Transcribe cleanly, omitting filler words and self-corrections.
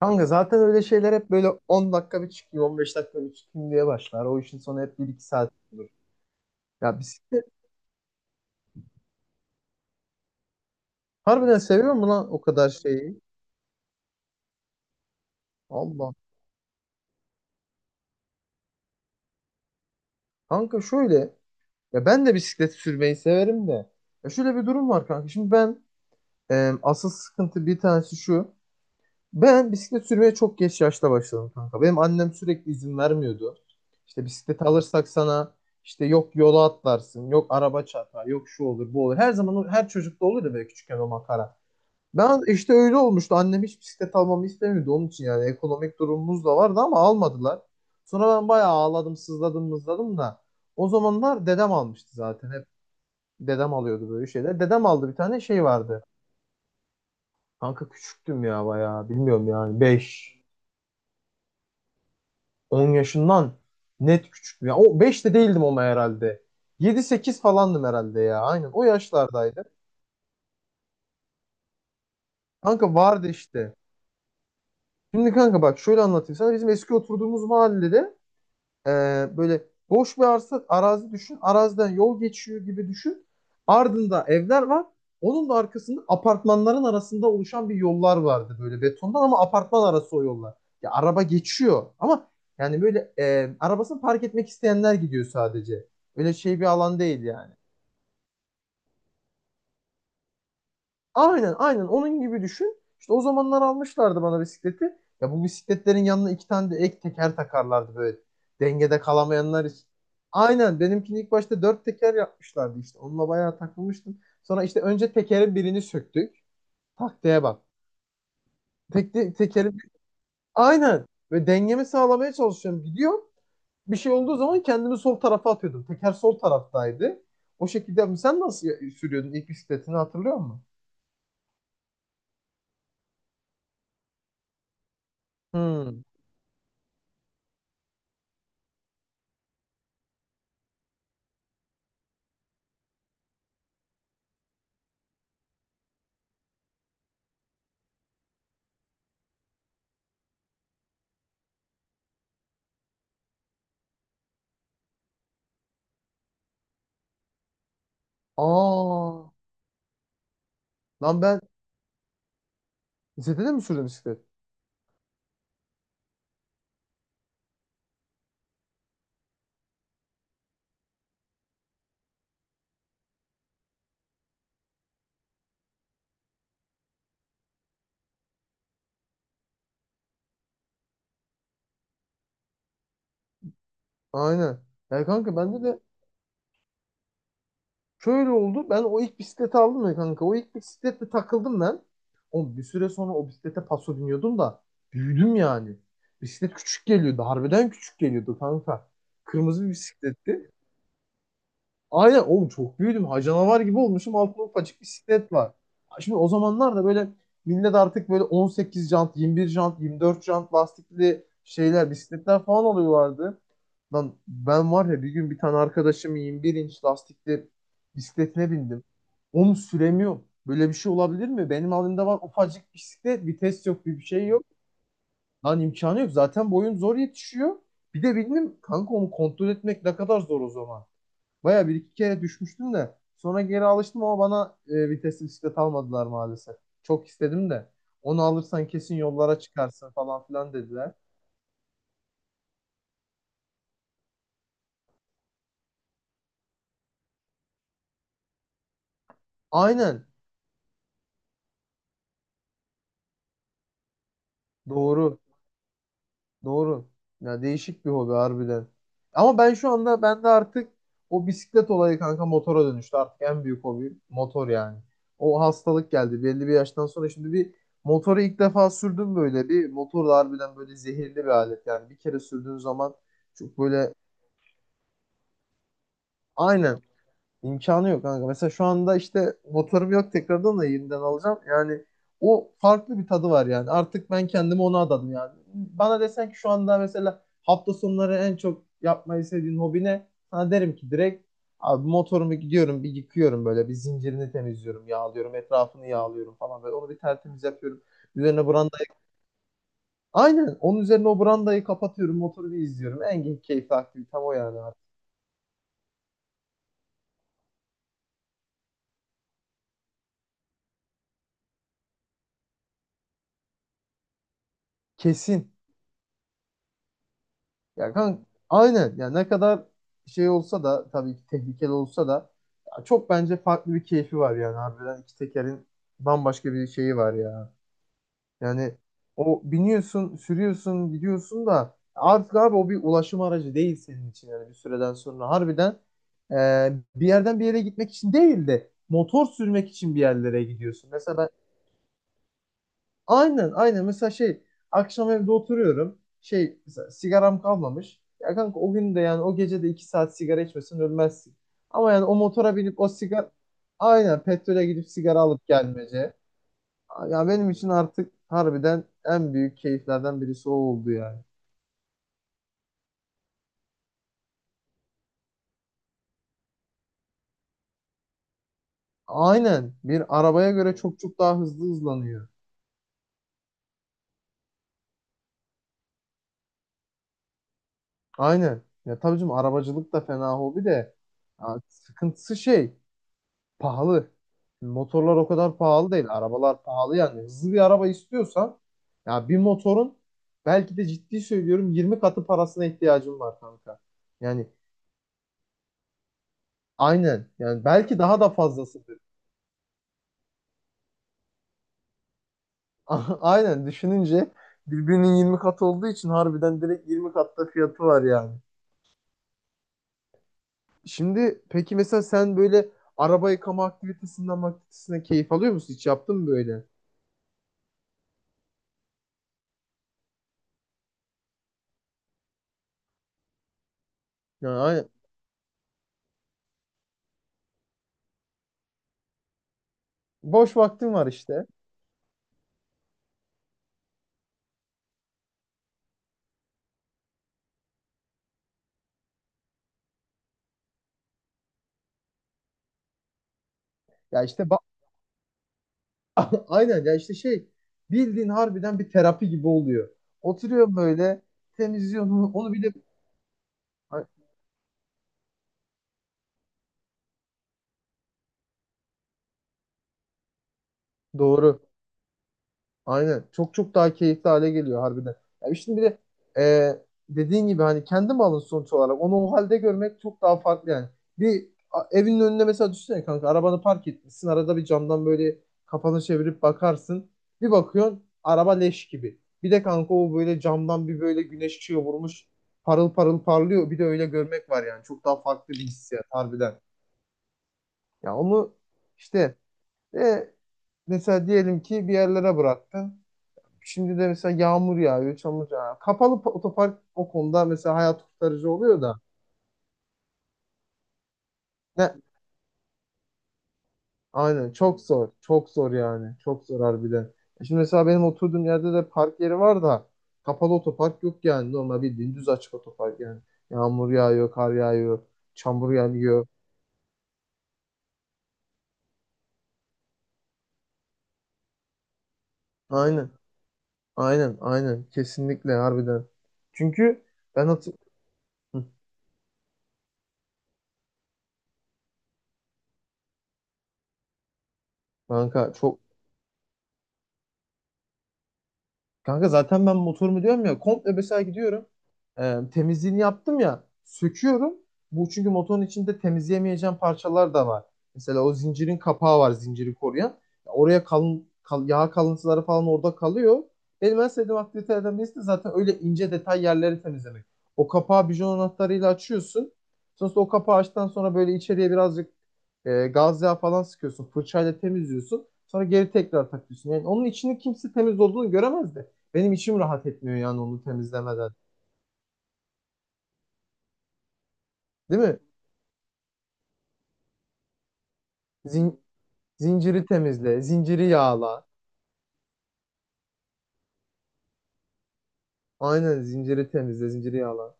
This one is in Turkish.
Kanka zaten öyle şeyler hep böyle 10 dakika bir çıkayım, 15 dakika bir çıkayım diye başlar. O işin sonu hep bir iki saat olur. Ya bisiklet harbiden seviyor mu lan o kadar şeyi? Allah. Kanka şöyle, ya ben de bisiklet sürmeyi severim de. Ya şöyle bir durum var kanka. Şimdi ben asıl sıkıntı bir tanesi şu. Ben bisiklet sürmeye çok geç yaşta başladım kanka. Benim annem sürekli izin vermiyordu. İşte bisiklet alırsak sana işte yok yola atlarsın, yok araba çarpar, yok şu olur, bu olur. Her zaman her çocukta olur ya böyle küçükken o makara. Ben işte öyle olmuştu. Annem hiç bisiklet almamı istemiyordu. Onun için yani ekonomik durumumuz da vardı ama almadılar. Sonra ben bayağı ağladım, sızladım, mızladım da. O zamanlar dedem almıştı zaten. Hep dedem alıyordu böyle şeyler. Dedem aldı bir tane şey vardı. Kanka küçüktüm ya bayağı. Bilmiyorum yani 5 10 yaşından net küçüktüm. Ya o 5 de değildim ama herhalde. Yedi sekiz falandım herhalde ya. Aynen o yaşlardaydı. Kanka vardı işte. Şimdi kanka bak şöyle anlatayım sana. Bizim eski oturduğumuz mahallede Ee, böyle boş bir arsa, arazi düşün. Araziden yol geçiyor gibi düşün. Ardında evler var. Onun da arkasında apartmanların arasında oluşan bir yollar vardı böyle betondan ama apartman arası o yollar. Ya araba geçiyor ama yani böyle arabasını park etmek isteyenler gidiyor sadece. Öyle şey bir alan değil yani. Aynen, aynen onun gibi düşün. İşte o zamanlar almışlardı bana bisikleti. Ya bu bisikletlerin yanına iki tane de ek teker takarlardı böyle. Dengede kalamayanlar için. Aynen benimkini ilk başta dört teker yapmışlardı işte. Onunla bayağı takılmıştım. Sonra işte önce tekerin birini söktük. Taktiğe bak. Tekte, tekerin aynen. Ve dengemi sağlamaya çalışıyorum. Gidiyorum. Bir şey olduğu zaman kendimi sol tarafa atıyordum. Teker sol taraftaydı. O şekilde sen nasıl sürüyordun ilk bisikletini hatırlıyor musun? Hmm. Aa. Lan ben lisede de mi sürdün bisiklet? Aynen. Ya kanka bende de şöyle oldu. Ben o ilk bisikleti aldım ya kanka. O ilk bisikletle takıldım ben. Oğlum bir süre sonra o bisiklete paso biniyordum da büyüdüm yani. Bisiklet küçük geliyordu. Harbiden küçük geliyordu kanka. Kırmızı bir bisikletti. Aynen oğlum çok büyüdüm. Ha canavar gibi olmuşum. Altında ufacık bisiklet var. Ha, şimdi o zamanlar da böyle millet artık böyle 18 jant, 21 jant, 24 jant lastikli şeyler, bisikletler falan alıyorlardı. Lan ben var ya bir gün bir tane arkadaşım 21 inç lastikli bisikletine bindim. Onu süremiyorum. Böyle bir şey olabilir mi? Benim halimde var ufacık bisiklet, vites yok, bir şey yok. Lan imkanı yok. Zaten boyum zor yetişiyor. Bir de bildim kanka onu kontrol etmek ne kadar zor o zaman. Baya bir iki kere düşmüştüm de sonra geri alıştım ama bana vitesli bisiklet almadılar maalesef. Çok istedim de onu alırsan kesin yollara çıkarsın falan filan dediler. Aynen, doğru doğru, ya değişik bir hobi harbiden. Ama ben şu anda bende artık o bisiklet olayı kanka motora dönüştü, artık en büyük hobi motor yani. O hastalık geldi belli bir yaştan sonra. Şimdi bir motoru ilk defa sürdüm, böyle bir motor da harbiden böyle zehirli bir alet yani. Bir kere sürdüğün zaman çok böyle. Aynen. İmkanı yok kanka. Mesela şu anda işte motorum yok, tekrardan da yeniden alacağım. Yani o farklı bir tadı var yani. Artık ben kendimi ona adadım yani. Bana desen ki şu anda mesela hafta sonları en çok yapmayı sevdiğin hobi ne? Sana derim ki direkt, abi motorumu gidiyorum bir yıkıyorum, böyle bir zincirini temizliyorum, yağlıyorum, etrafını yağlıyorum falan, böyle onu bir tertemiz yapıyorum. Üzerine brandayı, aynen onun üzerine o brandayı kapatıyorum, motoru bir izliyorum. En keyifli aktivitem o yani artık. Kesin. Ya kan aynen. Ya ne kadar şey olsa da, tabii ki tehlikeli olsa da, ya çok bence farklı bir keyfi var yani harbiden. İki tekerin bambaşka bir şeyi var ya. Yani o biniyorsun, sürüyorsun, gidiyorsun da artık abi o bir ulaşım aracı değil senin için yani, bir süreden sonra harbiden e, bir yerden bir yere gitmek için değil de motor sürmek için bir yerlere gidiyorsun. Mesela. Aynen, aynen mesela şey, akşam evde oturuyorum şey, mesela sigaram kalmamış ya kanka, o gün de yani o gece de 2 saat sigara içmesen ölmezsin, ama yani o motora binip o sigara, aynen petrole gidip sigara alıp gelmece, ya benim için artık harbiden en büyük keyiflerden birisi o oldu yani. Aynen, bir arabaya göre çok çok daha hızlı hızlanıyor. Aynen, ya tabii canım arabacılık da fena hobi de, ya sıkıntısı şey, pahalı. Motorlar o kadar pahalı değil. Arabalar pahalı yani. Hızlı bir araba istiyorsan ya bir motorun, belki de ciddi söylüyorum, 20 katı parasına ihtiyacın var kanka. Yani aynen. Yani belki daha da fazlasıdır. Aynen düşününce birbirinin 20 katı olduğu için, harbiden direkt 20 katta fiyatı var yani. Şimdi peki mesela sen böyle araba yıkama aktivitesine keyif alıyor musun? Hiç yaptın mı böyle? Yani aynen. Boş vaktin var işte. Ya işte aynen ya işte şey, bildiğin harbiden bir terapi gibi oluyor. Oturuyorum böyle temizliyorum onu bir de. Ay, doğru. Aynen. Çok çok daha keyifli hale geliyor harbiden. Ya şimdi bir de e, dediğin gibi hani kendi malın sonuç olarak, onu o halde görmek çok daha farklı yani. Evinin önüne mesela düşünsene kanka, arabanı park etmişsin. Arada bir camdan böyle kafanı çevirip bakarsın. Bir bakıyorsun araba leş gibi. Bir de kanka o böyle camdan bir böyle güneş ışığı vurmuş. Parıl parıl parlıyor. Bir de öyle görmek var yani. Çok daha farklı bir hissiyat harbiden. Ya onu işte e, mesela diyelim ki bir yerlere bıraktın. Şimdi de mesela yağmur yağıyor, çamur yağıyor. Kapalı otopark o konuda mesela hayat kurtarıcı oluyor da. Ne? Aynen, çok zor. Çok zor yani. Çok zor harbiden. Şimdi mesela benim oturduğum yerde de park yeri var da kapalı otopark yok yani. Normal bildiğin düz açık otopark yani. Yağmur yağıyor, kar yağıyor, çamur yağıyor. Aynen. Aynen. Aynen. Kesinlikle harbiden. Çünkü ben hatır... Hı. Kanka çok Kanka zaten ben motorumu diyorum ya, komple mesela gidiyorum. Temizliğini yaptım ya, söküyorum. Bu çünkü motorun içinde temizleyemeyeceğim parçalar da var. Mesela o zincirin kapağı var, zinciri koruyan. Oraya yağ kalıntıları falan orada kalıyor. Benim en sevdiğim aktivitelerden birisi de zaten öyle ince detay yerleri temizlemek. O kapağı bijon anahtarıyla açıyorsun. Sonrasında o kapağı açtıktan sonra böyle içeriye birazcık gaz yağı falan sıkıyorsun. Fırçayla temizliyorsun. Sonra geri tekrar takıyorsun. Yani onun içini kimse temiz olduğunu göremezdi. Benim içim rahat etmiyor yani onu temizlemeden. Değil mi? Zin- Zinciri temizle, zinciri yağla. Aynen, zinciri temizle, zinciri yağla.